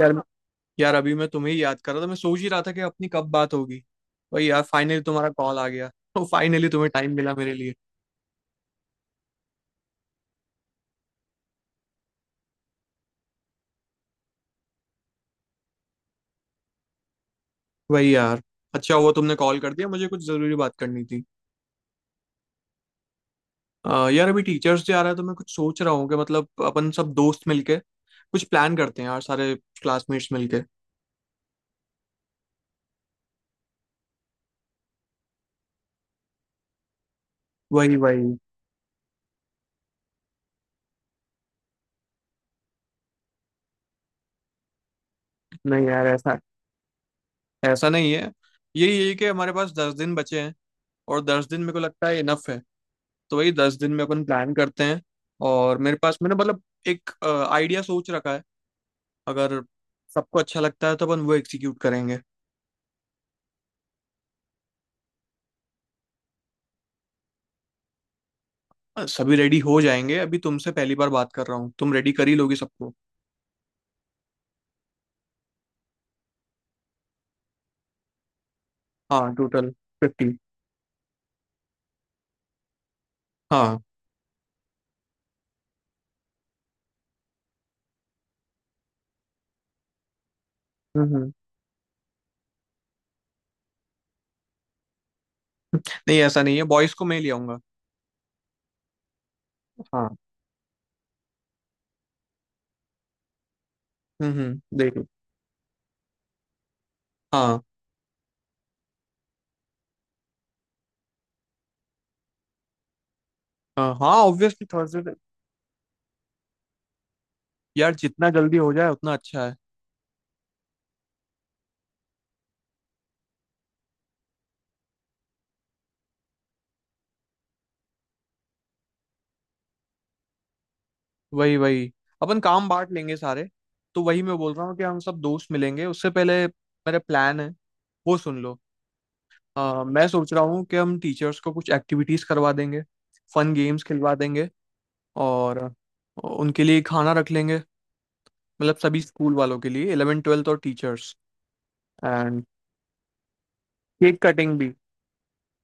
यार यार, अभी मैं तुम्हें ही याद कर रहा था। मैं सोच ही रहा था कि अपनी कब बात होगी। वही यार, फाइनली तुम्हारा कॉल आ गया। तो फाइनली तुम्हें टाइम मिला मेरे लिए। वही यार, अच्छा हुआ तुमने कॉल कर दिया, मुझे कुछ जरूरी बात करनी थी। यार, अभी टीचर्स डे आ रहा है तो मैं कुछ सोच रहा हूँ कि मतलब अपन सब दोस्त मिलके कुछ प्लान करते हैं यार, सारे क्लासमेट्स मिलके। वही वही। नहीं यार, ऐसा ऐसा नहीं है। यही यही कि हमारे पास 10 दिन बचे हैं, और 10 दिन मेरे को लगता है इनफ है। तो वही 10 दिन में अपन प्लान करते हैं। और मेरे पास मैंने मतलब एक आइडिया सोच रखा है, अगर सबको अच्छा लगता है तो अपन वो एग्जीक्यूट करेंगे। सभी रेडी हो जाएंगे। अभी तुमसे पहली बार बात कर रहा हूँ, तुम रेडी कर ही लोगे सबको। हाँ टोटल 50। हाँ। हम्म। नहीं ऐसा नहीं है, बॉयज को मैं ले आऊंगा। हाँ। हम्म, देखो। हाँ। हाँ ऑब्वियसली थर्सडे। यार जितना जल्दी हो जाए उतना अच्छा है। वही वही। अपन काम बांट लेंगे सारे। तो वही मैं बोल रहा हूँ कि हम सब दोस्त मिलेंगे, उससे पहले मेरा प्लान है, वो सुन लो। मैं सोच रहा हूँ कि हम टीचर्स को कुछ एक्टिविटीज करवा देंगे, फन गेम्स खिलवा देंगे, और उनके लिए खाना रख लेंगे, मतलब सभी स्कूल वालों के लिए, इलेवन ट्वेल्थ और टीचर्स। एंड केक कटिंग भी।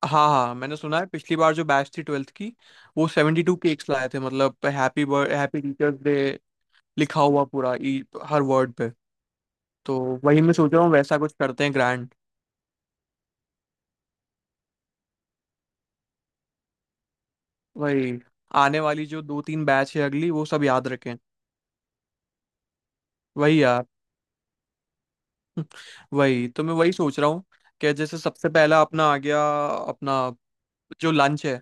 हाँ हाँ, मैंने सुना है पिछली बार जो बैच थी 12वीं की, वो 72 केक्स लाए थे, मतलब happy birth happy teachers day लिखा हुआ पूरा, ई, हर वर्ड पे। तो वही मैं सोच रहा हूँ वैसा कुछ करते हैं, ग्रैंड। वही आने वाली जो दो तीन बैच है अगली, वो सब याद रखें। वही यार। वही, तो मैं वही सोच रहा हूँ कि जैसे सबसे पहला अपना आ गया, अपना जो लंच है,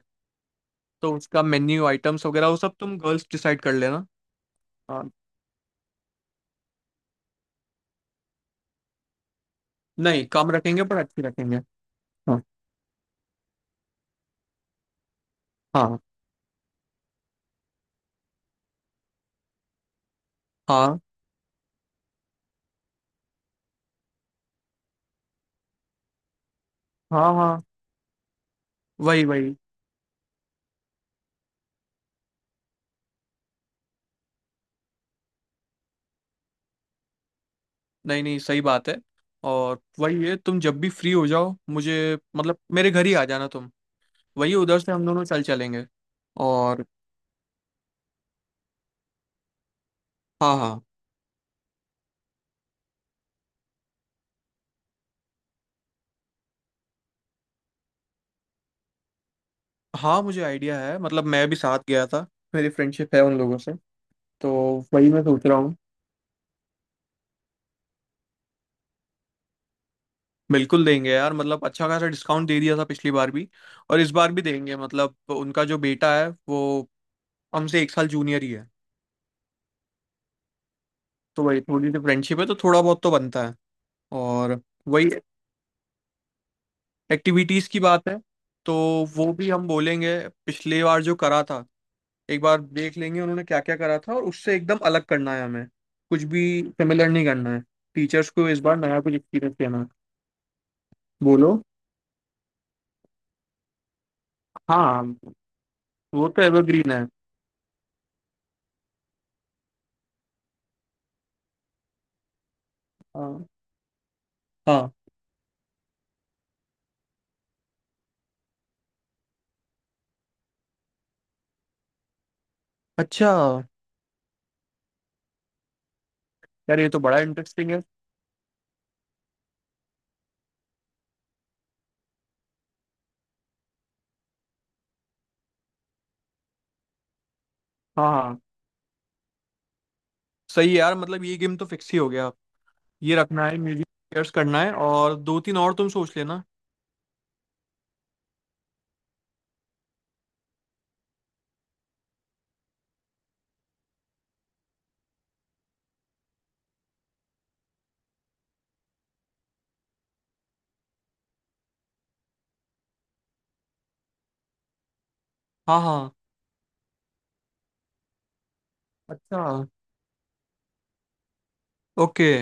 तो उसका मेन्यू आइटम्स वगैरह वो सब तुम गर्ल्स डिसाइड कर लेना। हाँ। नहीं कम रखेंगे पर अच्छी रखेंगे। हाँ हाँ। हाँ हाँ। हाँ। वही वही। नहीं नहीं सही बात है। और वही है, तुम जब भी फ्री हो जाओ, मुझे मतलब मेरे घर ही आ जाना तुम। वही उधर से हम दोनों चल चलेंगे। और हाँ हाँ। हाँ मुझे आइडिया है, मतलब मैं भी साथ गया था, मेरी फ्रेंडशिप है उन लोगों से। तो वही मैं सोच रहा हूँ, बिल्कुल देंगे यार, मतलब अच्छा खासा डिस्काउंट दे दिया था पिछली बार भी, और इस बार भी देंगे, मतलब उनका जो बेटा है वो हमसे एक साल जूनियर ही है। तो वही थोड़ी सी फ्रेंडशिप है तो थोड़ा बहुत तो बनता है। और वही एक्टिविटीज़ की बात है, तो वो भी हम बोलेंगे, पिछली बार जो करा था एक बार देख लेंगे उन्होंने क्या क्या करा था, और उससे एकदम अलग करना है हमें, कुछ भी सिमिलर नहीं करना है, टीचर्स को इस बार नया कुछ एक्सपीरियंस देना है। बोलो। हाँ, वो तो एवरग्रीन है। हाँ हाँ अच्छा। यार ये तो बड़ा इंटरेस्टिंग है। हाँ हाँ सही है यार, मतलब ये गेम तो फिक्स ही हो गया। ये रखना है, म्यूजिक चेयर्स करना है, और दो तीन और तुम सोच लेना। हाँ हाँ अच्छा। Okay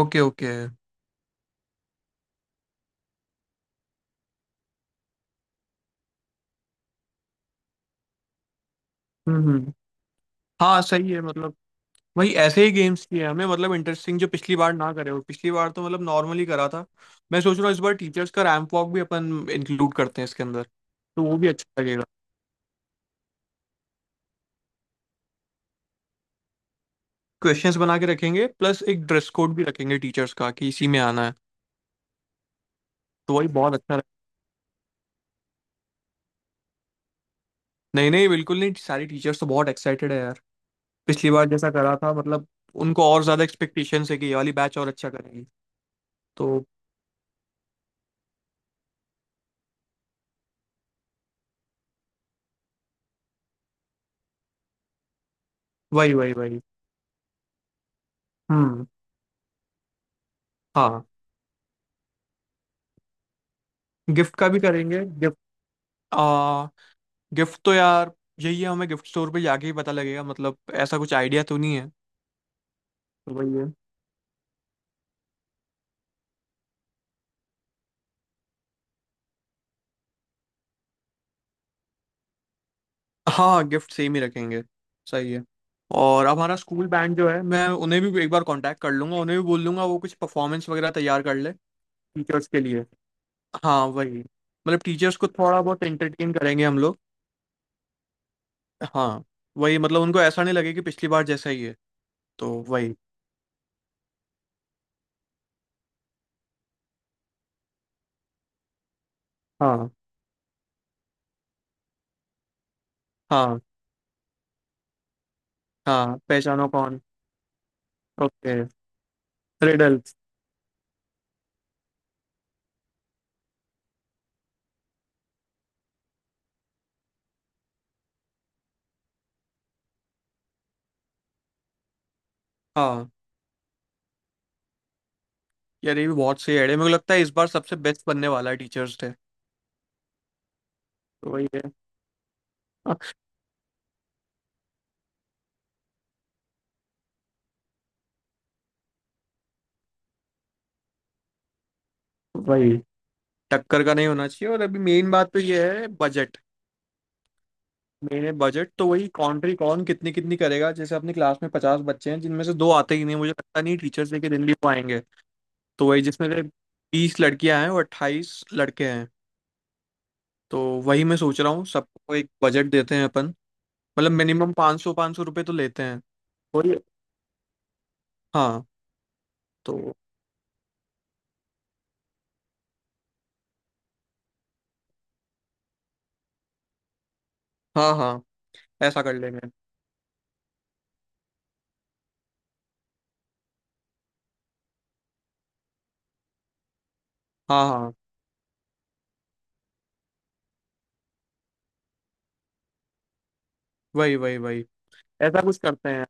okay okay. हम्म। हाँ सही है मतलब, भाई ऐसे ही गेम्स किए हमने, मतलब इंटरेस्टिंग जो पिछली बार ना करे हो, पिछली बार तो मतलब नॉर्मली करा था। मैं सोच रहा हूँ इस बार टीचर्स का रैंप वॉक भी अपन इंक्लूड करते हैं इसके अंदर, तो वो भी अच्छा लगेगा। क्वेश्चंस बना के रखेंगे, प्लस एक ड्रेस कोड भी रखेंगे टीचर्स का कि इसी में आना है। तो वही बहुत अच्छा रहे। नहीं नहीं, बिल्कुल नहीं, सारी टीचर्स तो बहुत एक्साइटेड है यार, पिछली बार जैसा करा था मतलब, उनको और ज्यादा एक्सपेक्टेशंस है कि ये वाली बैच और अच्छा करेगी। तो वही वही वही। हम्म। हाँ गिफ्ट का भी करेंगे। गिफ्ट, गिफ्ट तो यार यही है, हमें गिफ्ट स्टोर पे जाके ही पता लगेगा, मतलब ऐसा कुछ आइडिया तो नहीं है। तो वही है। हाँ गिफ्ट सेम ही रखेंगे। सही है। और हमारा स्कूल बैंड जो है, मैं उन्हें भी एक बार कांटेक्ट कर लूंगा, उन्हें भी बोल दूंगा वो कुछ परफॉर्मेंस वगैरह तैयार कर ले टीचर्स के लिए। हाँ वही, मतलब टीचर्स को थोड़ा बहुत एंटरटेन करेंगे हम लोग। हाँ वही, मतलब उनको ऐसा नहीं लगे कि पिछली बार जैसा ही है। तो वही। हाँ। हाँ। हाँ पहचानो कौन। ओके। रिडल्स। हाँ यार, ये भी बहुत सही आइडिया, मेरे को लगता है इस बार सबसे बेस्ट बनने वाला है टीचर्स डे। वही है। हाँ, वही, टक्कर का नहीं होना चाहिए, और अभी मेन बात तो ये है बजट। मेन है बजट, तो वही कॉन्ट्री कौन कितनी कितनी करेगा, जैसे अपनी क्लास में 50 बच्चे हैं जिनमें से दो आते ही नहीं, मुझे लगता नहीं टीचर्स डे के दिन भी वो आएंगे। तो वही जिसमें से 20 लड़कियां हैं और 28 लड़के हैं। तो वही मैं सोच रहा हूँ सबको एक बजट देते हैं अपन, मतलब मिनिमम 500 500 रुपये तो लेते हैं। वही। हाँ। तो हाँ हाँ ऐसा कर लेंगे। हाँ हाँ। वही वही वही, ऐसा कुछ करते हैं।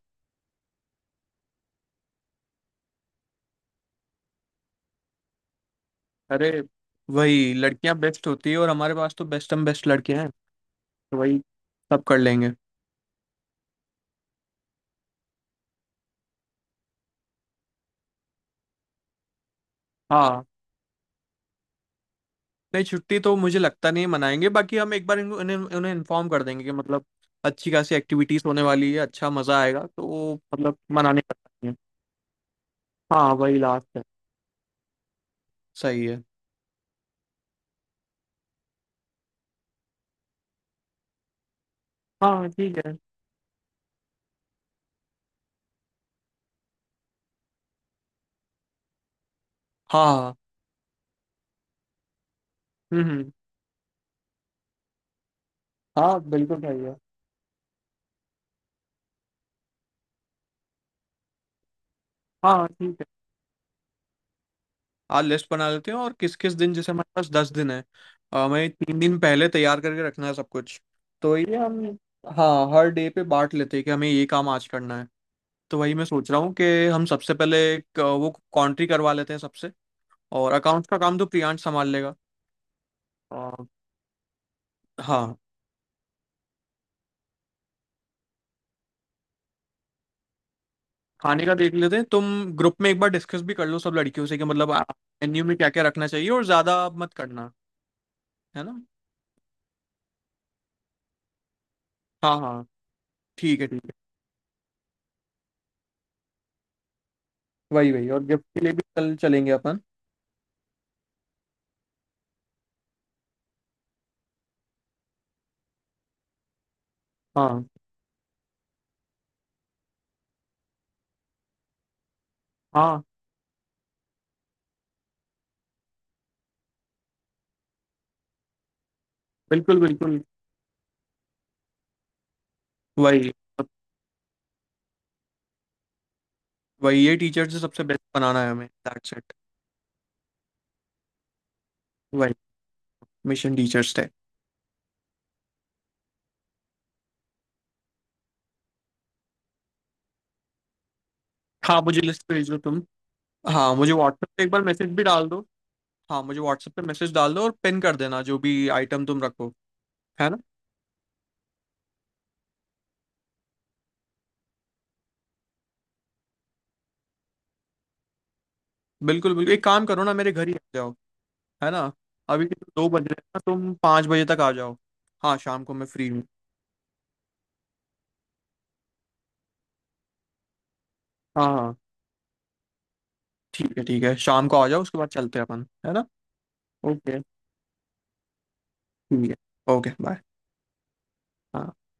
अरे, वही लड़कियां बेस्ट होती है और हमारे पास तो बेस्ट, हम बेस्ट लड़के हैं। तो वही सब कर लेंगे। हाँ। नहीं छुट्टी तो मुझे लगता नहीं मनाएंगे, बाकी हम एक बार इन्हें उन्हें इन्फॉर्म कर देंगे कि मतलब अच्छी खासी एक्टिविटीज होने वाली है, अच्छा मजा आएगा, तो वो मतलब मनाने का time है। हाँ वही लास्ट है। सही है। हाँ ठीक है। हाँ हाँ। हम्म हम्म, हाँ बिल्कुल सही है। हाँ ठीक है, आज लिस्ट बना लेते हैं, और किस किस दिन जैसे हमारे पास 10 दिन है। हमें 3 दिन पहले तैयार करके रखना है सब कुछ। तो ये हम, हाँ हर डे पे बांट लेते हैं कि हमें ये काम आज करना है। तो वही मैं सोच रहा हूँ कि हम सबसे पहले एक, वो कॉन्ट्री करवा लेते हैं सबसे, और अकाउंट्स का काम तो प्रियांश संभाल लेगा। और हाँ, खाने का देख लेते हैं। तुम ग्रुप में एक बार डिस्कस भी कर लो सब लड़कियों से कि मतलब मेन्यू में क्या क्या रखना चाहिए, और ज़्यादा मत करना, है ना? हाँ हाँ, ठीक है ठीक है। वही वही, और गिफ्ट के लिए भी कल चलेंगे अपन। हाँ हाँ, बिल्कुल, बिल्कुल, वही वही, ये टीचर से सबसे बेस्ट बनाना है हमें, दैट्स इट, वही मिशन टीचर्स डे। हाँ, मुझे लिस्ट भेज दो तुम। हाँ, मुझे व्हाट्सएप पे एक बार मैसेज भी डाल दो। हाँ, मुझे व्हाट्सएप पे मैसेज डाल दो और पिन कर देना जो भी आइटम तुम रखो, है ना? बिल्कुल, बिल्कुल, एक काम करो ना मेरे घर ही आ जाओ, है ना? अभी के 2 बज रहे हैं ना, तुम 5 बजे तक आ जाओ। हाँ, शाम को मैं फ्री हूँ। हाँ, हाँ, ठीक है, शाम को आ जाओ उसके बाद चलते हैं अपन, है ना? ओके, ठीक है, ओके, बाय। हाँ।